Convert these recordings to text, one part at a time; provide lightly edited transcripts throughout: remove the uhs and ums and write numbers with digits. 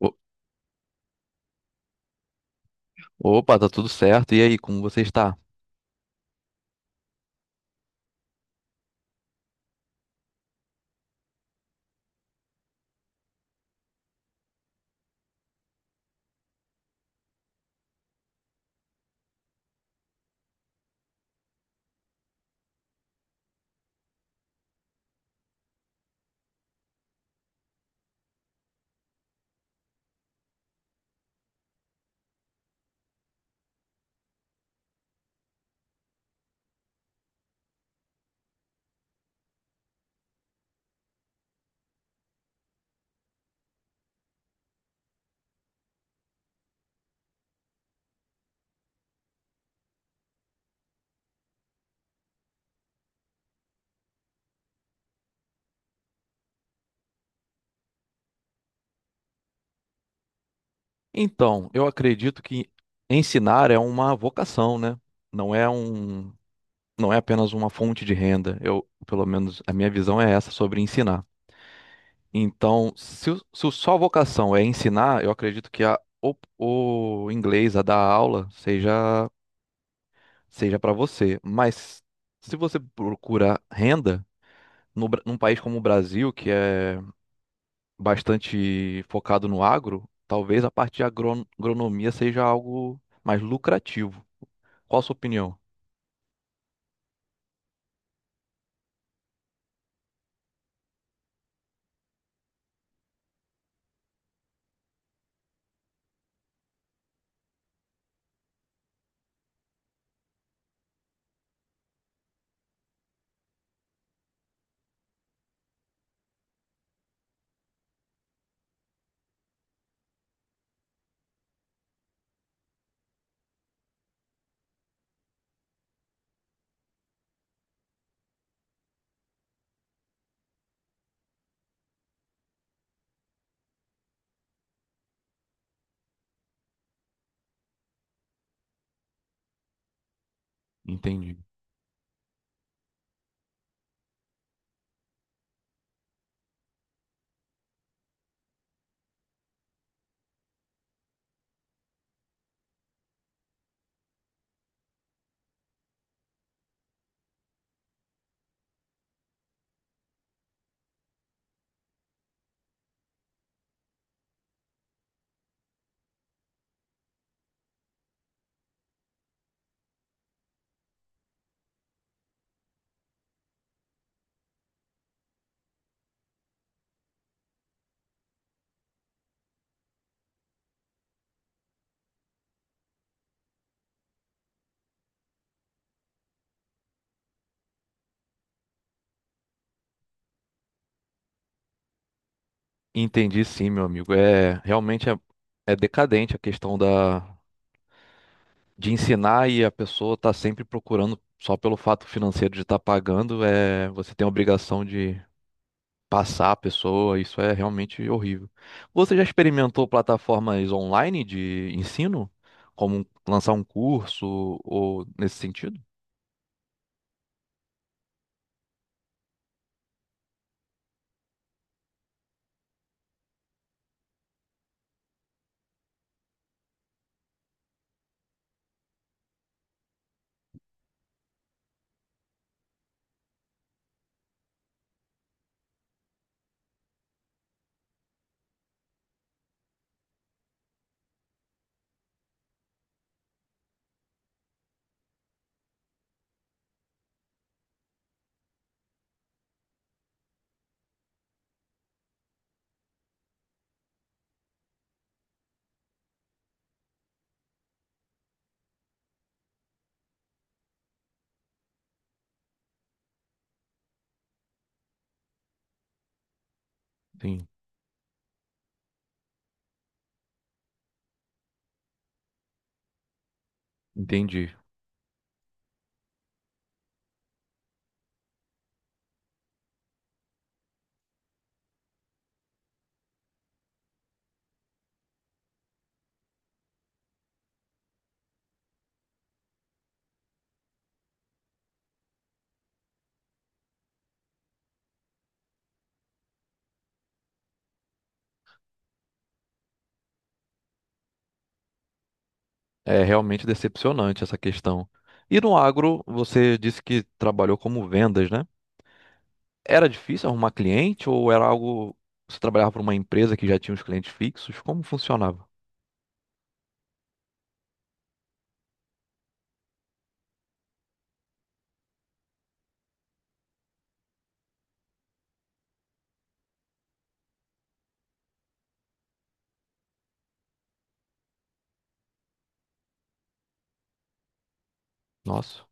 O- Opa, tá tudo certo. E aí, como você está? Então, eu acredito que ensinar é uma vocação, né? Não é um, não é apenas uma fonte de renda. Eu, pelo menos, a minha visão é essa sobre ensinar. Então, se o só vocação é ensinar, eu acredito que o inglês, a dar aula, seja para você. Mas se você procura renda no, Bra- num país como o Brasil, que é bastante focado no agro, talvez a parte de agronomia seja algo mais lucrativo. Qual a sua opinião? Entendi. Entendi sim, meu amigo. É decadente a questão da de ensinar e a pessoa tá sempre procurando só pelo fato financeiro de estar pagando, é você tem a obrigação de passar a pessoa, isso é realmente horrível. Você já experimentou plataformas online de ensino, como lançar um curso ou nesse sentido? Sim. Entendi. É realmente decepcionante essa questão. E no agro, você disse que trabalhou como vendas, né? Era difícil arrumar cliente ou era algo. Você trabalhava para uma empresa que já tinha os clientes fixos? Como funcionava? Nossa,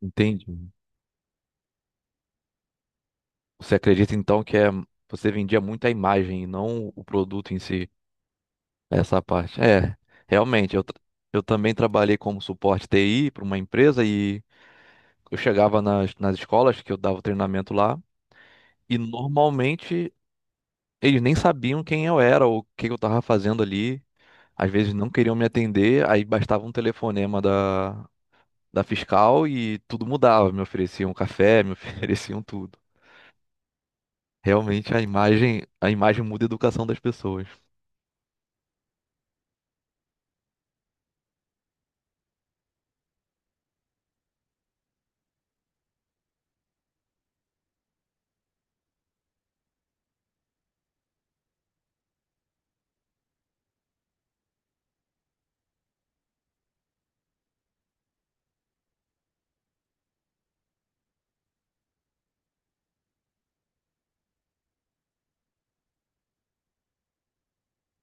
entendi. Você acredita então que é... você vendia muito a imagem e não o produto em si, essa parte? É, realmente. Eu também trabalhei como suporte TI para uma empresa e eu chegava nas escolas que eu dava o treinamento lá. E normalmente eles nem sabiam quem eu era ou o que que eu tava fazendo ali. Às vezes não queriam me atender, aí bastava um telefonema da fiscal e tudo mudava. Me ofereciam café, me ofereciam tudo. Realmente a imagem muda a educação das pessoas.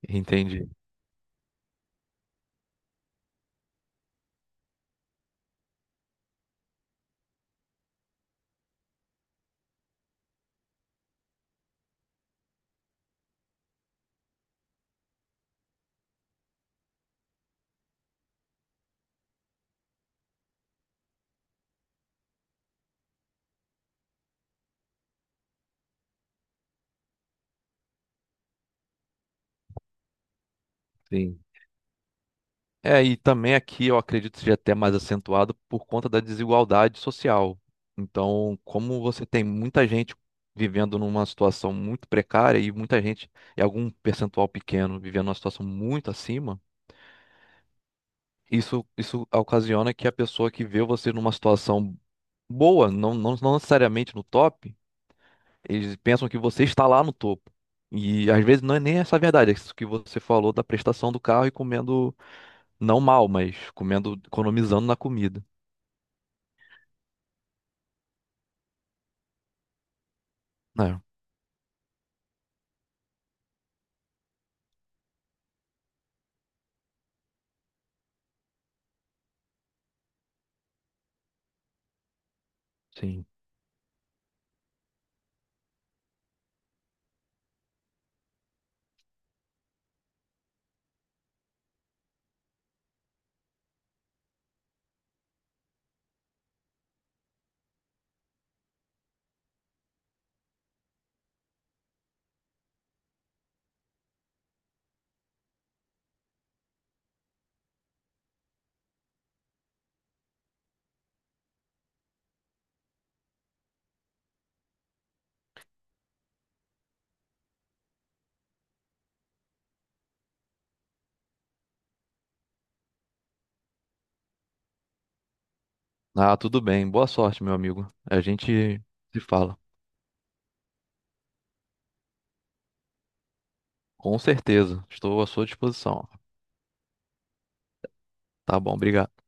Entende? Sim. É, e também aqui eu acredito seja até mais acentuado por conta da desigualdade social. Então, como você tem muita gente vivendo numa situação muito precária e muita gente, e algum percentual pequeno vivendo numa situação muito acima, isso ocasiona que a pessoa que vê você numa situação boa, não necessariamente no top, eles pensam que você está lá no topo. E às vezes não é nem essa a verdade, é isso que você falou da prestação do carro e comendo, não mal, mas comendo, economizando na comida. É, sim. Ah, tudo bem. Boa sorte, meu amigo. A gente se fala. Com certeza. Estou à sua disposição. Tá bom, obrigado.